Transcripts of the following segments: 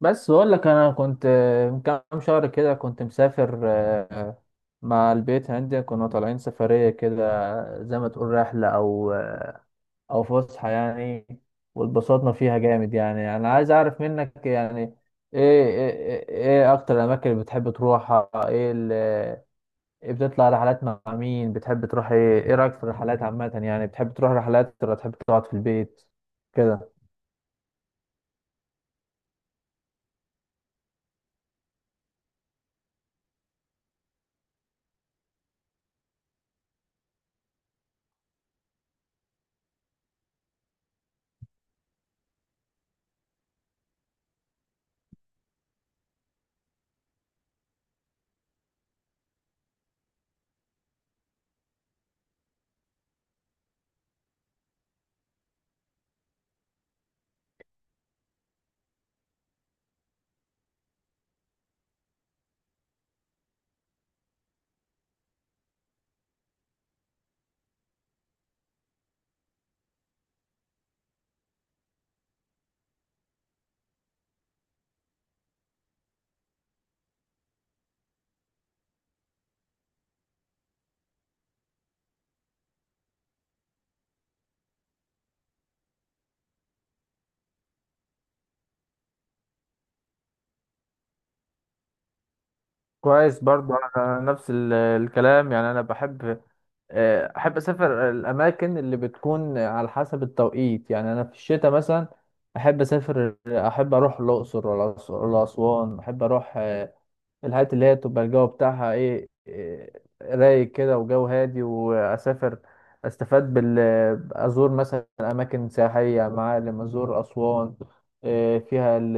بس بقول لك انا كنت من كام شهر كده كنت مسافر مع البيت عندي. كنا طالعين سفرية كده، زي ما تقول رحلة او فسحة يعني. واتبسطنا فيها جامد يعني. انا عايز اعرف منك، يعني ايه ايه, ايه إيه اكتر الاماكن اللي بتحب تروحها؟ ايه اللي بتطلع رحلات؟ مع مين بتحب تروح؟ ايه رايك في الرحلات عامة؟ يعني بتحب تروح رحلات ولا تحب تقعد في البيت كده؟ كويس. برضو انا نفس الكلام يعني. انا بحب، احب اسافر الاماكن اللي بتكون على حسب التوقيت. يعني انا في الشتاء مثلا احب اروح الاقصر ولا اسوان. احب اروح الحاجات اللي هي تبقى الجو بتاعها ايه، رايق كده وجو هادي. واسافر استفاد بال، ازور مثلا اماكن سياحيه، معالم. ازور اسوان، فيها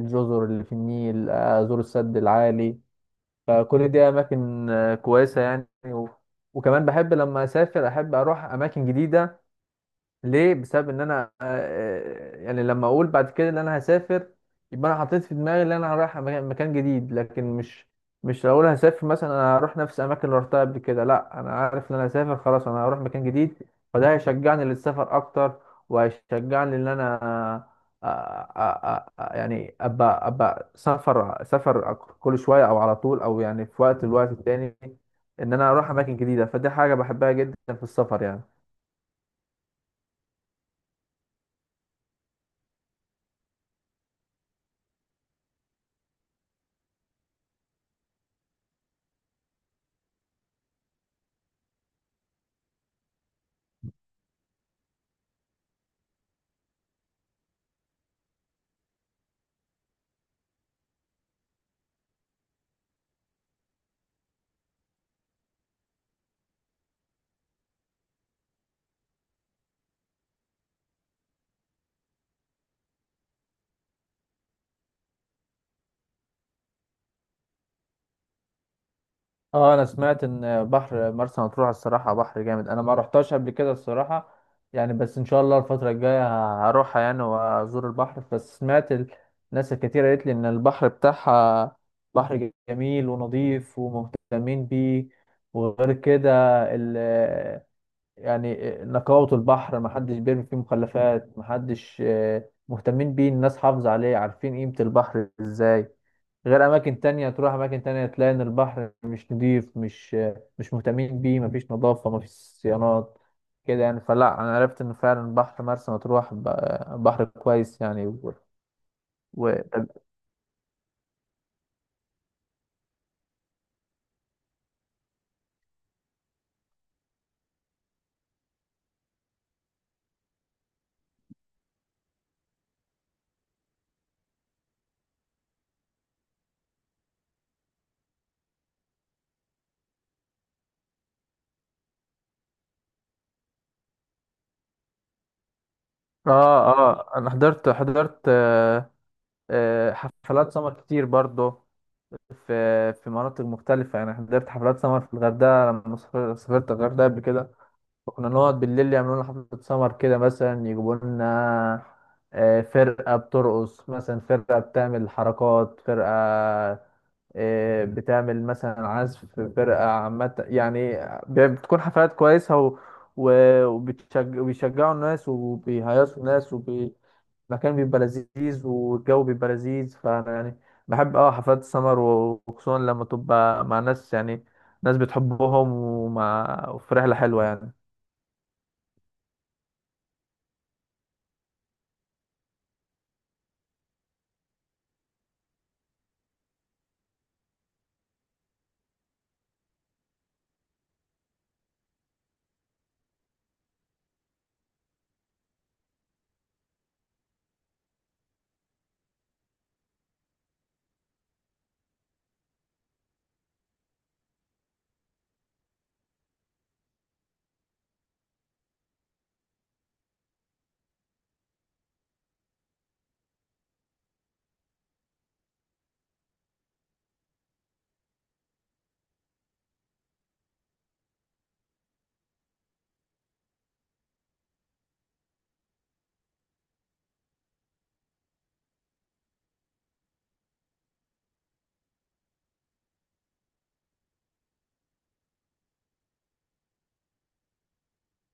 الجزر اللي في النيل، ازور السد العالي. فكل دي اماكن كويسه يعني. وكمان بحب لما اسافر احب اروح اماكن جديده. ليه؟ بسبب ان انا، يعني لما اقول بعد كده ان انا هسافر، يبقى انا حطيت في دماغي ان انا رايح مكان جديد. لكن مش لو اقول هسافر، مثلا انا هروح نفس الاماكن اللي رحتها قبل كده. لا، انا عارف ان انا هسافر خلاص، انا هروح مكان جديد. فده هيشجعني للسفر اكتر، وهيشجعني ان انا يعني ابقى سفر سفر كل شويه او على طول، او يعني في الوقت التاني ان انا اروح اماكن جديده. فدي حاجه بحبها جدا في السفر يعني. اه، انا سمعت ان بحر مرسى مطروح الصراحه بحر جامد. انا ما رحتش قبل كده الصراحه يعني، بس ان شاء الله الفتره الجايه هروحها يعني، وازور البحر. بس سمعت الناس الكتير قالت لي ان البحر بتاعها بحر جميل ونظيف ومهتمين بيه. وغير كده يعني نقاوة البحر، محدش بيرمي فيه مخلفات، محدش مهتمين بيه، الناس حافظة عليه، عارفين قيمة البحر ازاي. غير أماكن تانية، تروح أماكن تانية تلاقي إن البحر مش نضيف، مش مهتمين بيه، مفيش نظافة، مفيش صيانات كده يعني. فلا، أنا عرفت إن فعلا بحر مرسى مطروح بحر كويس يعني. و... أنا حضرت حفلات سمر كتير برضه في مناطق مختلفة يعني. حضرت حفلات سمر في الغردقة لما سافرت الغردقة قبل كده. فكنا نقعد بالليل، يعملوا لنا حفلة سمر كده، مثلا يجيبوا لنا فرقة بترقص، مثلا فرقة بتعمل حركات، فرقة بتعمل مثلا عزف، فرقة عامة يعني. بتكون حفلات كويسة وبيشجعوا الناس وبيهيصوا الناس المكان بيبقى لذيذ والجو بيبقى لذيذ. فانا يعني بحب حفلات السمر، وخصوصا لما تبقى مع ناس، يعني ناس بتحبهم، وفي رحلة حلوة يعني.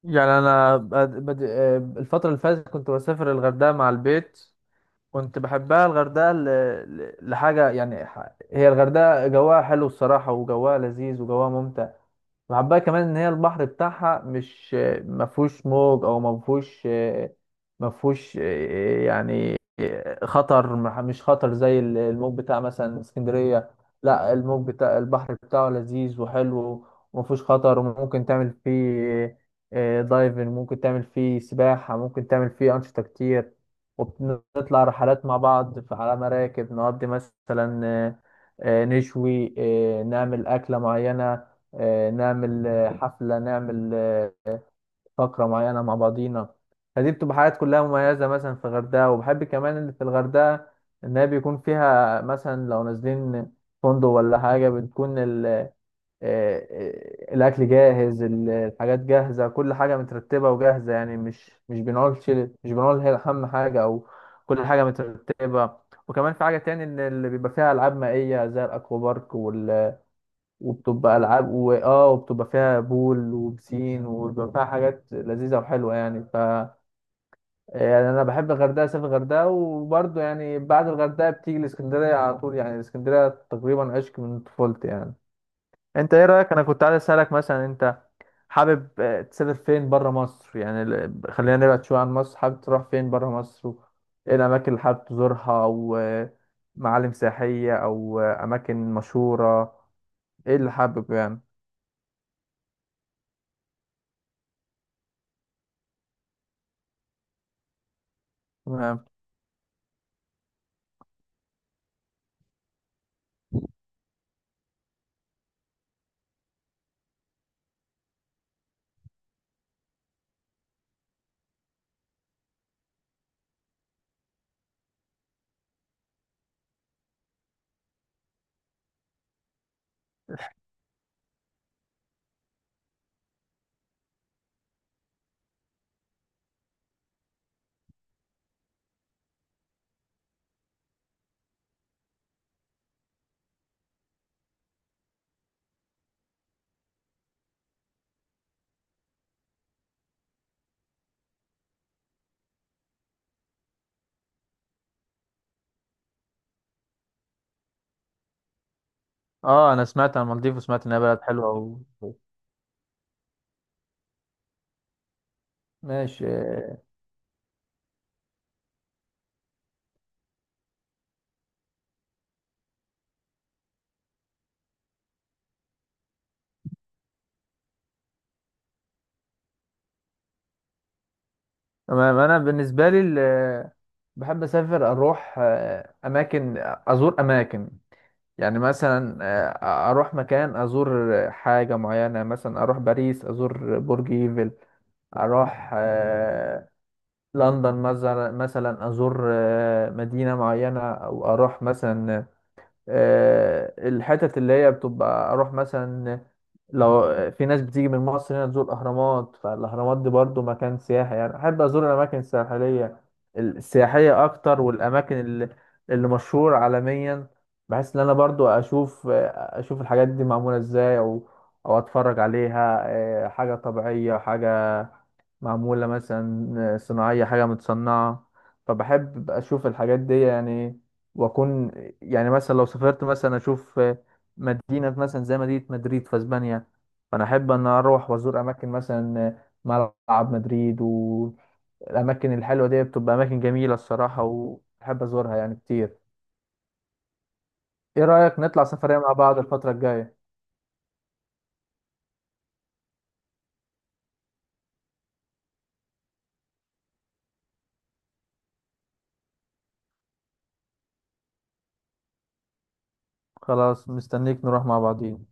يعني انا بد... بد... آه، الفترة اللي فاتت كنت بسافر الغردقة مع البيت. كنت بحبها الغردقة لحاجة يعني. هي الغردقة جواها حلو الصراحة، وجواها لذيذ، وجواها ممتع. وحبها كمان ان هي البحر بتاعها، مش ما فيهوش موج او ما فيهوش يعني خطر. مش خطر زي الموج بتاع مثلا اسكندرية. لا، الموج بتاع البحر بتاعه لذيذ وحلو، وما فيهوش خطر، وممكن تعمل فيه دايفنج، ممكن تعمل فيه سباحة، ممكن تعمل فيه أنشطة كتير. وبنطلع رحلات مع بعض على مراكب، نقضي مثلا، نشوي، نعمل أكلة معينة، نعمل حفلة، نعمل فقرة معينة مع بعضينا. فدي بتبقى حاجات كلها مميزة مثلا في الغردقة. وبحب كمان اللي في الغردقة إن هي بيكون فيها مثلا لو نازلين فندق ولا حاجة، بتكون الأكل جاهز، الحاجات جاهزة، كل حاجة مترتبة وجاهزة. يعني مش بنقول شيل، مش بنقول هي أهم حاجة، أو كل حاجة مترتبة. وكمان في حاجة تاني إن اللي بيبقى فيها ألعاب مائية زي الأكوا بارك وبتبقى العاب وبتبقى فيها بول وبسين، وبيبقى فيها حاجات لذيذه وحلوه يعني. يعني انا بحب الغردقه، اسافر الغردقه. وبرضه يعني بعد الغردقه بتيجي الاسكندريه على طول. يعني الاسكندريه تقريبا عشق من طفولتي يعني. انت ايه رايك؟ انا كنت عايز اسالك، مثلا انت حابب تسافر فين بره مصر؟ يعني خلينا نبعد شويه عن مصر. حابب تروح فين بره مصر؟ ايه الاماكن اللي حابب تزورها؟ او معالم سياحيه، او اماكن مشهوره، ايه اللي حابب يعني؟ تمام. اه، انا سمعت عن المالديف، وسمعت انها بلد حلوه. و... ماشي. تمام، انا بالنسبه لي بحب اسافر، اروح اماكن، ازور اماكن يعني. مثلا اروح مكان، ازور حاجه معينه. مثلا اروح باريس ازور برج ايفل، اروح لندن مثلا ازور مدينه معينه، او اروح مثلا الحتت اللي هي بتبقى، اروح مثلا. لو في ناس بتيجي من مصر هنا تزور الاهرامات، فالاهرامات دي برضو مكان سياحي يعني. احب ازور الاماكن الساحليه السياحيه اكتر، والاماكن اللي مشهور عالميا، بحيث ان انا برضو اشوف الحاجات دي معموله ازاي، او اتفرج عليها. حاجه طبيعيه، حاجه معموله مثلا صناعيه، حاجه متصنعه. فبحب اشوف الحاجات دي يعني، واكون يعني مثلا لو سافرت مثلا اشوف مدينة مثلا زي مدينة مدريد في اسبانيا. فانا احب ان اروح وازور اماكن، مثلا ملعب مدريد. والاماكن الحلوة دي بتبقى اماكن جميلة الصراحة، واحب ازورها يعني كتير. ايه رأيك نطلع سفرية مع بعض الفترة الجاية؟ خلاص، مستنيك نروح مع بعضين.